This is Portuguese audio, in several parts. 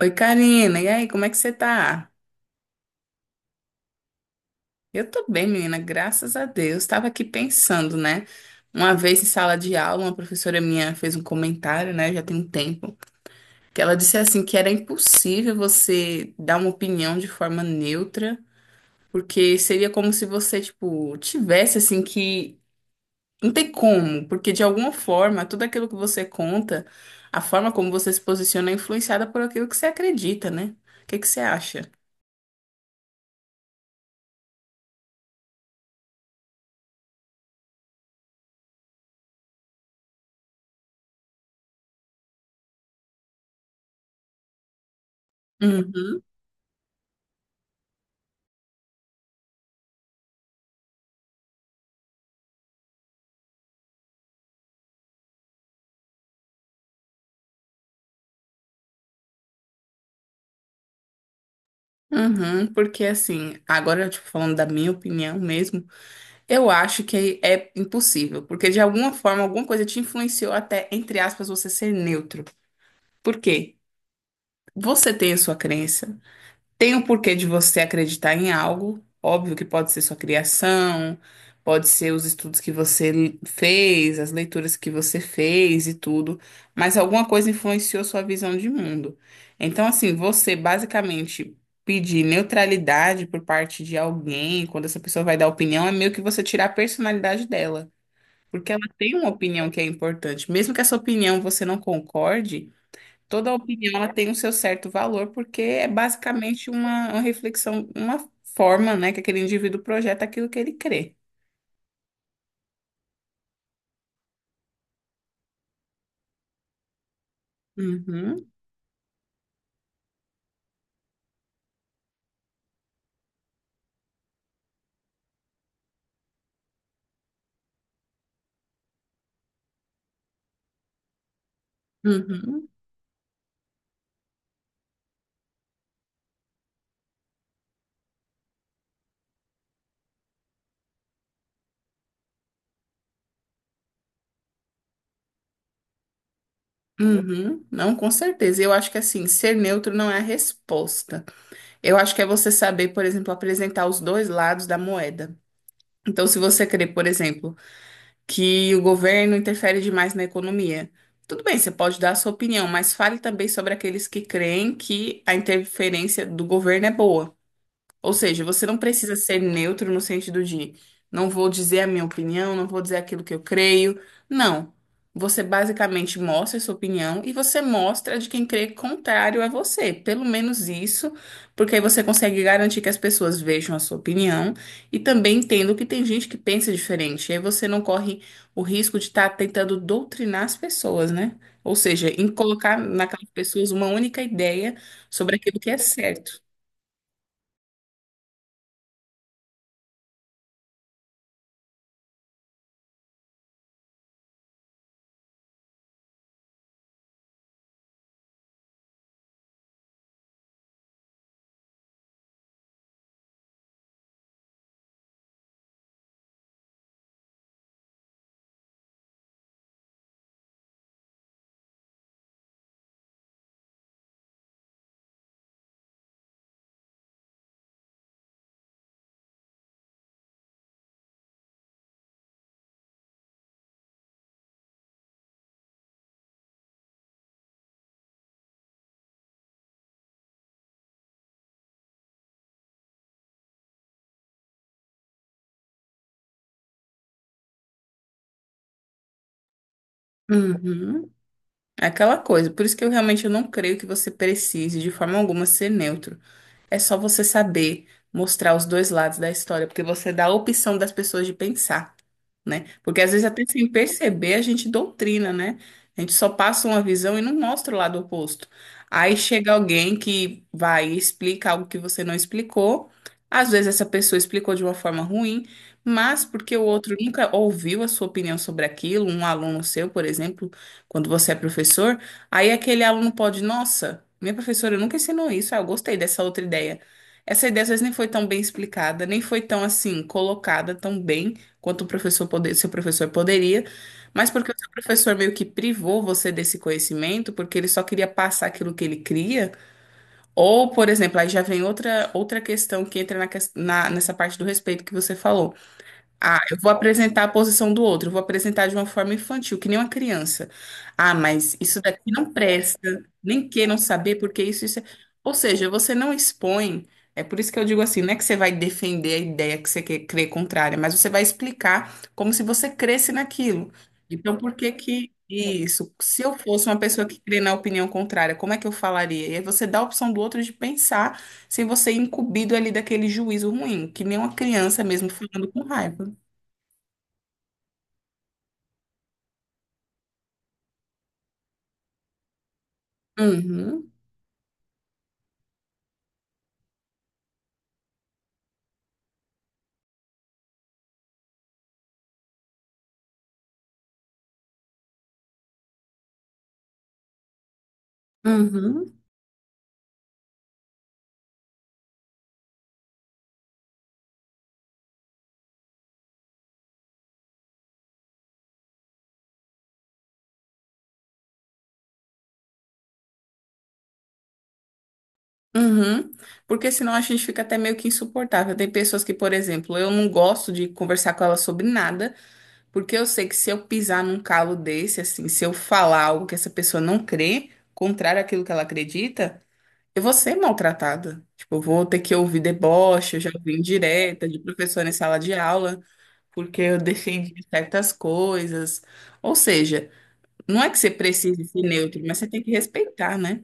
Oi, Karina. E aí, como é que você tá? Eu tô bem, menina, graças a Deus. Tava aqui pensando, né? Uma vez em sala de aula, uma professora minha fez um comentário, né? Já tem um tempo, que ela disse assim que era impossível você dar uma opinião de forma neutra, porque seria como se você, tipo, tivesse assim que não tem como, porque de alguma forma, tudo aquilo que você conta, a forma como você se posiciona é influenciada por aquilo que você acredita, né? O que que você acha? Uhum. Uhum, porque assim, agora, tipo, falando da minha opinião mesmo, eu acho que é impossível, porque de alguma forma, alguma coisa te influenciou até, entre aspas, você ser neutro. Por quê? Você tem a sua crença, tem o porquê de você acreditar em algo, óbvio que pode ser sua criação, pode ser os estudos que você fez, as leituras que você fez e tudo, mas alguma coisa influenciou sua visão de mundo. Então, assim, você basicamente pedir neutralidade por parte de alguém, quando essa pessoa vai dar opinião, é meio que você tirar a personalidade dela. Porque ela tem uma opinião que é importante. Mesmo que essa opinião você não concorde, toda opinião ela tem o seu certo valor, porque é basicamente uma reflexão, uma forma, né, que aquele indivíduo projeta aquilo que ele crê. Uhum, uhum, uhum. Não, com certeza. Eu acho que assim, ser neutro não é a resposta. Eu acho que é você saber, por exemplo, apresentar os dois lados da moeda. Então, se você crê, por exemplo, que o governo interfere demais na economia, tudo bem, você pode dar a sua opinião, mas fale também sobre aqueles que creem que a interferência do governo é boa. Ou seja, você não precisa ser neutro no sentido de não vou dizer a minha opinião, não vou dizer aquilo que eu creio. Não. Você basicamente mostra a sua opinião e você mostra a de quem crê contrário a você. Pelo menos isso, porque aí você consegue garantir que as pessoas vejam a sua opinião e também entendam que tem gente que pensa diferente. E aí você não corre o risco de estar tentando doutrinar as pessoas, né? Ou seja, em colocar naquelas pessoas uma única ideia sobre aquilo que é certo. Uhum. É aquela coisa, por isso que eu realmente não creio que você precise de forma alguma ser neutro. É só você saber mostrar os dois lados da história, porque você dá a opção das pessoas de pensar, né? Porque às vezes até sem perceber a gente doutrina, né? A gente só passa uma visão e não mostra o lado oposto. Aí chega alguém que vai e explica algo que você não explicou. Às vezes essa pessoa explicou de uma forma ruim, mas porque o outro nunca ouviu a sua opinião sobre aquilo, um aluno seu, por exemplo, quando você é professor, aí aquele aluno pode, nossa, minha professora nunca ensinou isso, ah, eu gostei dessa outra ideia. Essa ideia às vezes nem foi tão bem explicada, nem foi tão assim colocada tão bem quanto o professor poder, seu professor poderia, mas porque o seu professor meio que privou você desse conhecimento, porque ele só queria passar aquilo que ele cria, ou, por exemplo, aí já vem outra questão que entra nessa parte do respeito que você falou. Ah, eu vou apresentar a posição do outro, eu vou apresentar de uma forma infantil, que nem uma criança. Ah, mas isso daqui não presta, nem queiram saber porque isso é... Ou seja, você não expõe, é por isso que eu digo assim, não é que você vai defender a ideia que você quer crer contrária, mas você vai explicar como se você cresce naquilo. Então, por que que isso? Se eu fosse uma pessoa que crê na opinião contrária, como é que eu falaria? E aí você dá a opção do outro de pensar sem você ir incumbido ali daquele juízo ruim, que nem uma criança mesmo falando com raiva. Uhum, uhum, uhum. Porque senão a gente fica até meio que insuportável. Tem pessoas que, por exemplo, eu não gosto de conversar com ela sobre nada, porque eu sei que se eu pisar num calo desse, assim, se eu falar algo que essa pessoa não crê, contrário àquilo que ela acredita, eu vou ser maltratada. Tipo, eu vou ter que ouvir deboche, eu já ouvi indireta de professor em sala de aula, porque eu defendi certas coisas. Ou seja, não é que você precise ser neutro, mas você tem que respeitar, né?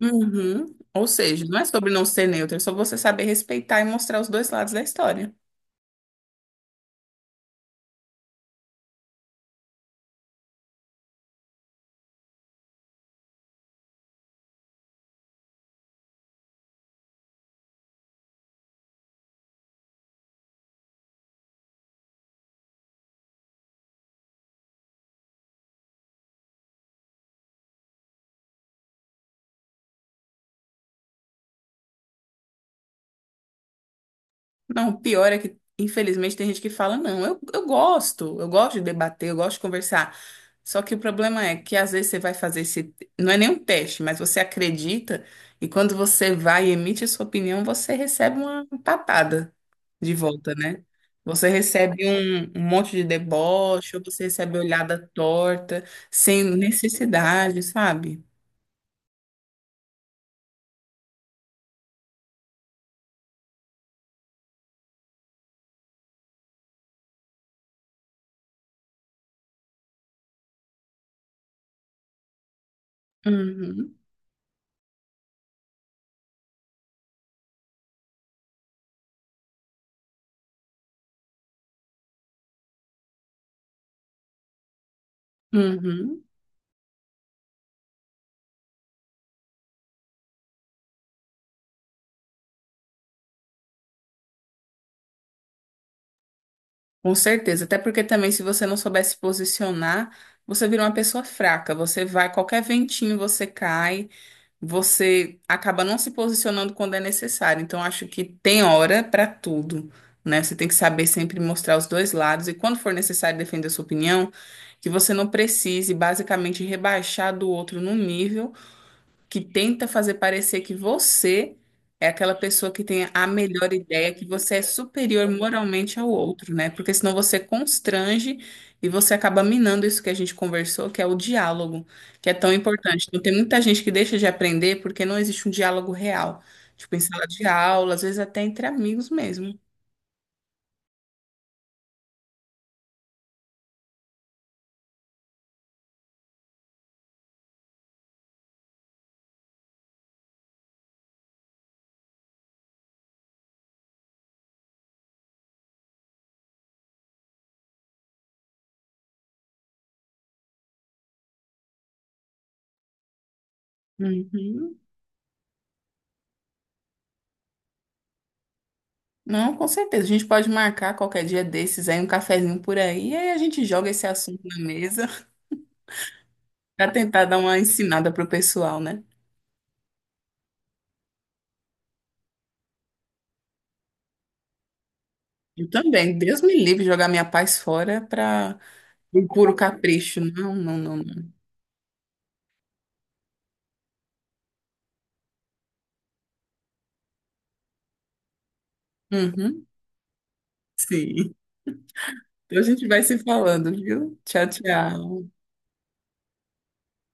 Uhum. Ou seja, não é sobre não ser neutro, é sobre você saber respeitar e mostrar os dois lados da história. Não, o pior é que, infelizmente, tem gente que fala, não, eu gosto de debater, eu gosto de conversar. Só que o problema é que às vezes você vai fazer esse, não é nem um teste, mas você acredita e quando você vai e emite a sua opinião, você recebe uma patada de volta, né? Você recebe um monte de deboche, ou você recebe olhada torta, sem necessidade, sabe? Uhum, uhum, com certeza. Até porque também, se você não souber se posicionar, você vira uma pessoa fraca. Você vai, qualquer ventinho você cai, você acaba não se posicionando quando é necessário. Então, acho que tem hora para tudo, né? Você tem que saber sempre mostrar os dois lados e, quando for necessário defender a sua opinião, que você não precise basicamente rebaixar do outro num nível, que tenta fazer parecer que você é aquela pessoa que tem a melhor ideia, que você é superior moralmente ao outro, né? Porque senão você constrange e você acaba minando isso que a gente conversou, que é o diálogo, que é tão importante. Então, tem muita gente que deixa de aprender porque não existe um diálogo real. Tipo, em sala de aula, às vezes até entre amigos mesmo. Uhum. Não, com certeza. A gente pode marcar qualquer dia desses aí, um cafezinho por aí, e aí a gente joga esse assunto na mesa para tentar dar uma ensinada pro pessoal, né? Eu também. Deus me livre de jogar minha paz fora para um puro capricho. Não, não, não, não. Uhum, sim. Então a gente vai se falando, viu? Tchau, tchau.